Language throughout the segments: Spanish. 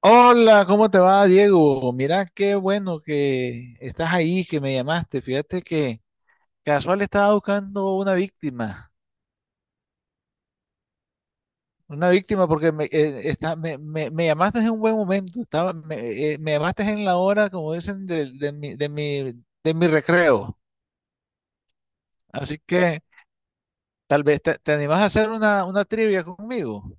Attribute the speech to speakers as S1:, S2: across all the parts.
S1: Hola, ¿cómo te va, Diego? Mira, qué bueno que estás ahí, que me llamaste. Fíjate que casual estaba buscando una víctima porque me, está- me- me llamaste en un buen momento, me llamaste en la hora, como dicen, de mi recreo. Así que tal vez te animás a hacer una trivia conmigo.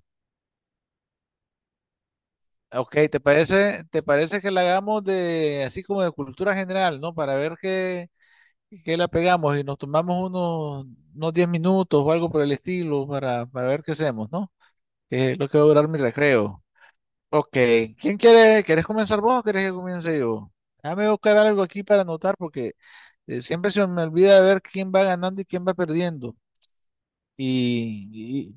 S1: Ok, ¿te parece que la hagamos de así como de cultura general, ¿no? Para ver qué que la pegamos y nos tomamos unos 10 minutos o algo por el estilo para ver qué hacemos, ¿no? Que es lo que va a durar mi recreo. Ok, ¿quién quiere? ¿Querés comenzar vos o querés que comience yo? Déjame buscar algo aquí para anotar porque siempre se me olvida de ver quién va ganando y quién va perdiendo. Y, y-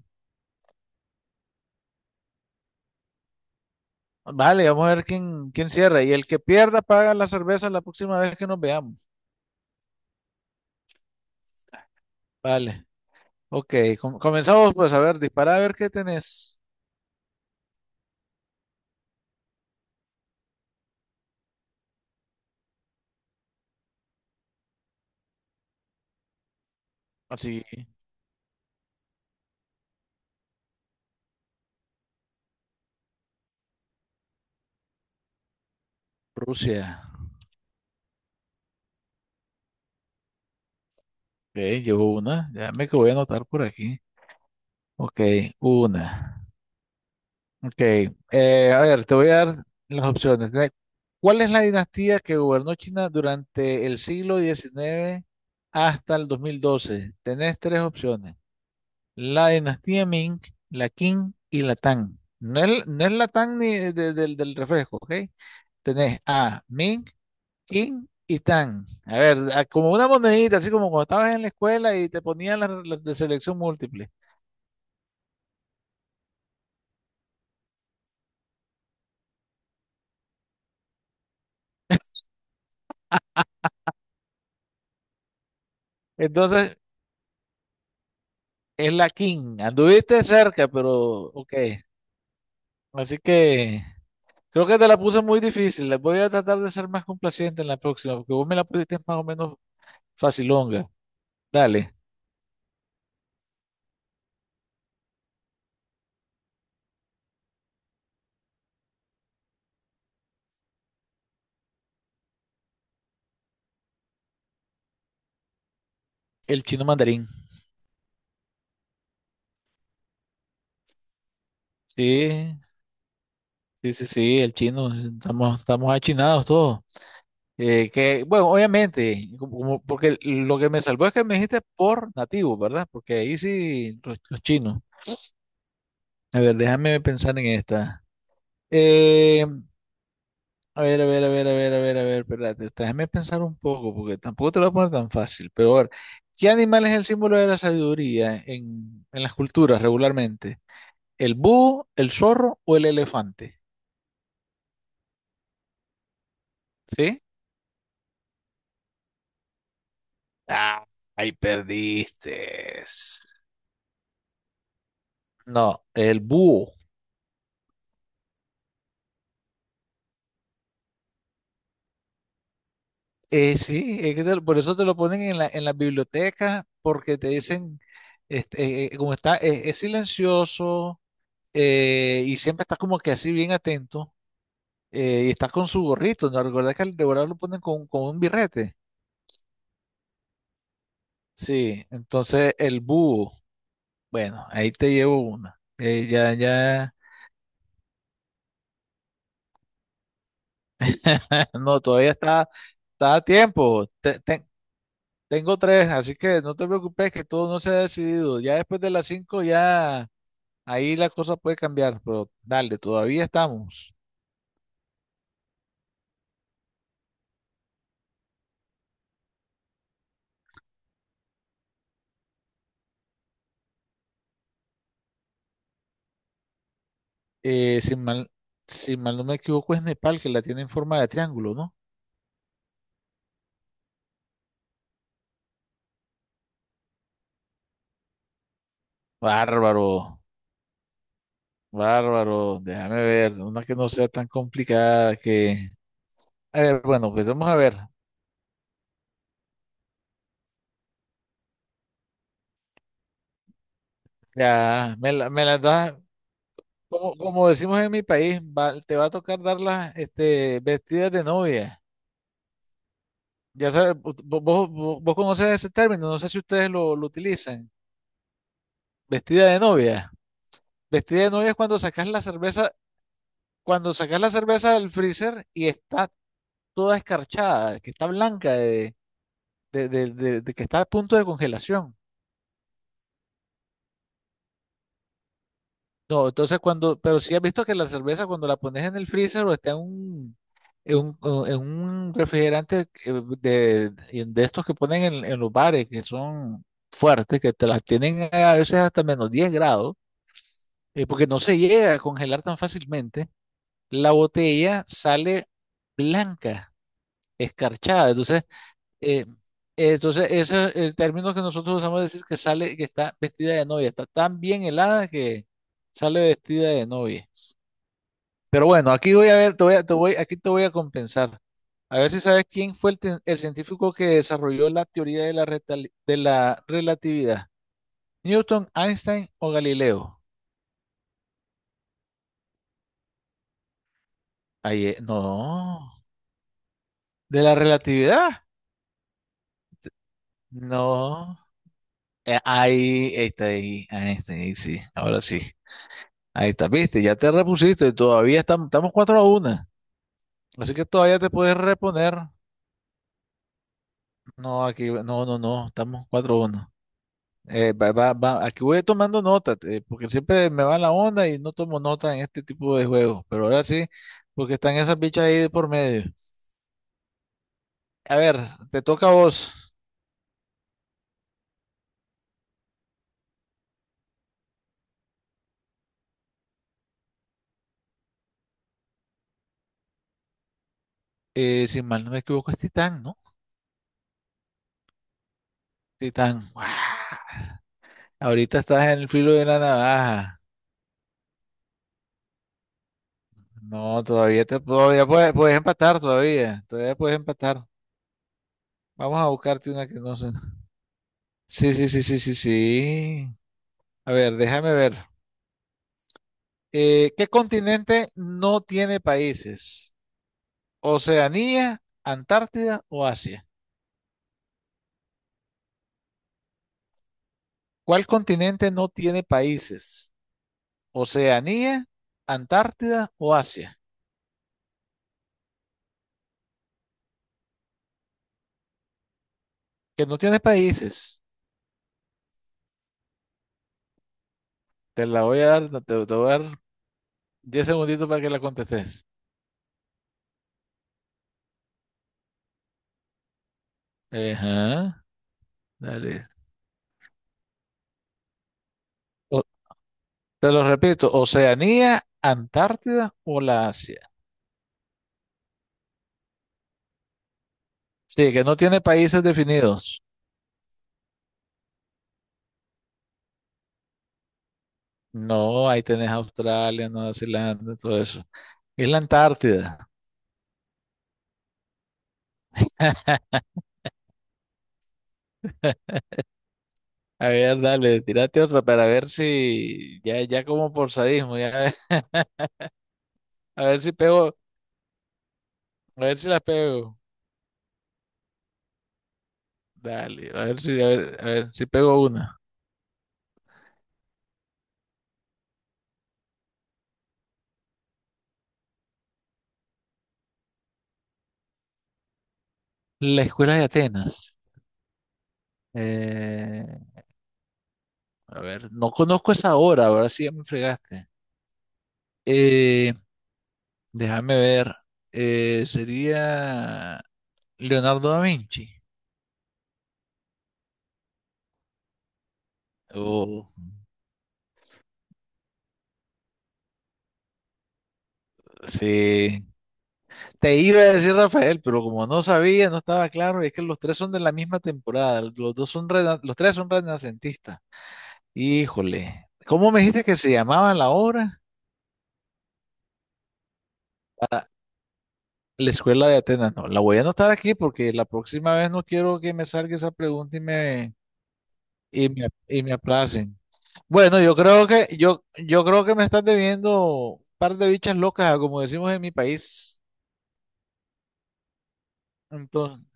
S1: vale, vamos a ver quién, quién cierra. Y el que pierda paga la cerveza la próxima vez que nos veamos. Vale, ok, comenzamos pues a ver, dispara a ver qué tenés. Así, Rusia. Ok, llevo una. Déjame que voy a anotar por aquí. Ok, una. Ok, a ver, te voy a dar las opciones. ¿Cuál es la dinastía que gobernó China durante el siglo XIX hasta el 2012? Tenés tres opciones. La dinastía Ming, la Qing y la Tang. No es la Tang ni del refresco, ¿ok? Tenés a Ming, Qing y Tang. A ver, como una monedita, así como cuando estabas en la escuela y te ponían las de selección múltiple. Entonces, es la King. Anduviste cerca, pero ok. Así que creo que te la puse muy difícil. La voy a tratar de ser más complaciente en la próxima, porque vos me la pusiste más o menos facilonga. Dale, el chino mandarín. Sí, sí, sí, sí, el chino. Estamos achinados todos. Que, bueno, obviamente, porque lo que me salvó es que me dijiste por nativo, ¿verdad? Porque ahí sí, los chinos. A ver, déjame pensar en esta. Eh, A ver, a ver, a ver, a ver, a ver, a ver, espérate, déjame pensar un poco, porque tampoco te lo voy a poner tan fácil. Pero a ver, ¿qué animal es el símbolo de la sabiduría en las culturas regularmente? ¿El búho, el zorro o el elefante? ¿Sí? Ah, ahí perdiste. No, el búho. Sí, es que te por eso te lo ponen en la, en las bibliotecas, porque te dicen, es silencioso, y siempre estás como que así bien atento. Y está con su gorrito, ¿no? Recuerda que al devorador lo ponen con un birrete. Sí, entonces el búho, bueno, ahí te llevo una. Ya, no, todavía está, está a tiempo. Tengo tres, así que no te preocupes que todo no se ha decidido. Ya después de las cinco, ya ahí la cosa puede cambiar, pero dale, todavía estamos. Eh, si mal, si mal no me equivoco, es Nepal que la tiene en forma de triángulo, ¿no? Bárbaro. Bárbaro, déjame ver, una que no sea tan complicada que... A ver, bueno, pues vamos a ver. Ya, me las da, como, como decimos en mi país, te va a tocar darlas este, vestidas de novia. Ya sabes, vos conoces ese término, no sé si ustedes lo utilizan. Vestida de novia. Vestida de novia es cuando sacas la cerveza, cuando sacas la cerveza del freezer y está toda escarchada, que está blanca, de que está a punto de congelación. No, entonces cuando, pero sí has visto que la cerveza cuando la pones en el freezer o está en un, o en un refrigerante, de, de estos que ponen en los bares, que son fuertes, que te las tienen a veces hasta -10 grados, porque no se llega a congelar tan fácilmente, la botella sale blanca, escarchada. Entonces, eh, entonces ese es el término que nosotros usamos decir que sale, que está vestida de novia, está tan bien helada que sale vestida de novia. Pero bueno, aquí voy a ver, te voy, aquí te voy a compensar. A ver si sabes quién fue el científico que desarrolló la teoría de la relatividad. ¿Newton, Einstein o Galileo? Ahí, no. ¿De la relatividad? No. Ahí está, ahí, Einstein, ahí sí, ahora sí. Ahí está, viste, ya te repusiste, todavía estamos, estamos 4-1. Así que todavía te puedes reponer. No, aquí, no, no, no, estamos 4-1. Va, va, va. Aquí voy tomando nota, porque siempre me va la onda y no tomo nota en este tipo de juegos, pero ahora sí, porque están esas bichas ahí de por medio. A ver, te toca a vos. Si mal no me equivoco, es Titán, ¿no? Titán. ¡Guau! Ahorita estás en el filo de la navaja. No, todavía puedes, puedes empatar, todavía. Todavía puedes empatar. Vamos a buscarte una que no sé. Sí, sí, sí, sí, sí, sí. A ver, déjame ver. ¿Qué continente no tiene países? Oceanía, Antártida o Asia. ¿Cuál continente no tiene países? Oceanía, Antártida o Asia. Que no tiene países. Te la voy a dar, no, te voy a dar 10 segunditos para que la contestes. Ajá, dale. O- Te lo repito, Oceanía, Antártida o la Asia. Sí, que no tiene países definidos. No, ahí tenés Australia, Nueva Zelanda, todo eso. Es la Antártida. A ver, dale, tírate otra para ver si ya, ya como por sadismo, ya a ver si pego, a ver si la pego. Dale, a ver si pego una. La escuela de Atenas. Eh, a ver, no conozco esa obra, ahora sí ya me fregaste. Eh, Déjame ver. Sería Leonardo da Vinci. Oh, sí. Te iba a decir Rafael, pero como no sabía, no estaba claro, y es que los tres son de la misma temporada, los dos son los tres son renacentistas. Híjole, ¿cómo me dijiste que se llamaba la obra? La escuela de Atenas. No, la voy a anotar aquí porque la próxima vez no quiero que me salga esa pregunta y me aplacen. Bueno, yo creo que yo creo que me estás debiendo un par de bichas locas, como decimos en mi país. Entonces,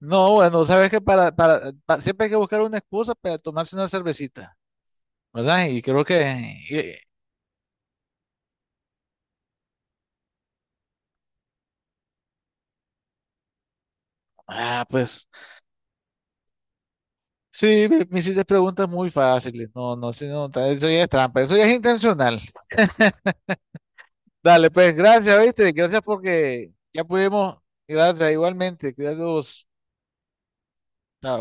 S1: no, bueno, sabes que siempre hay que buscar una excusa para tomarse una cervecita, ¿verdad? Y creo que, y- ah, pues, sí, me hiciste preguntas muy fáciles. No, no, sí, no, eso ya es trampa, eso ya es intencional. Dale, pues, gracias, ¿viste? Gracias porque ya pudimos, gracias, igualmente, cuidados. Chao.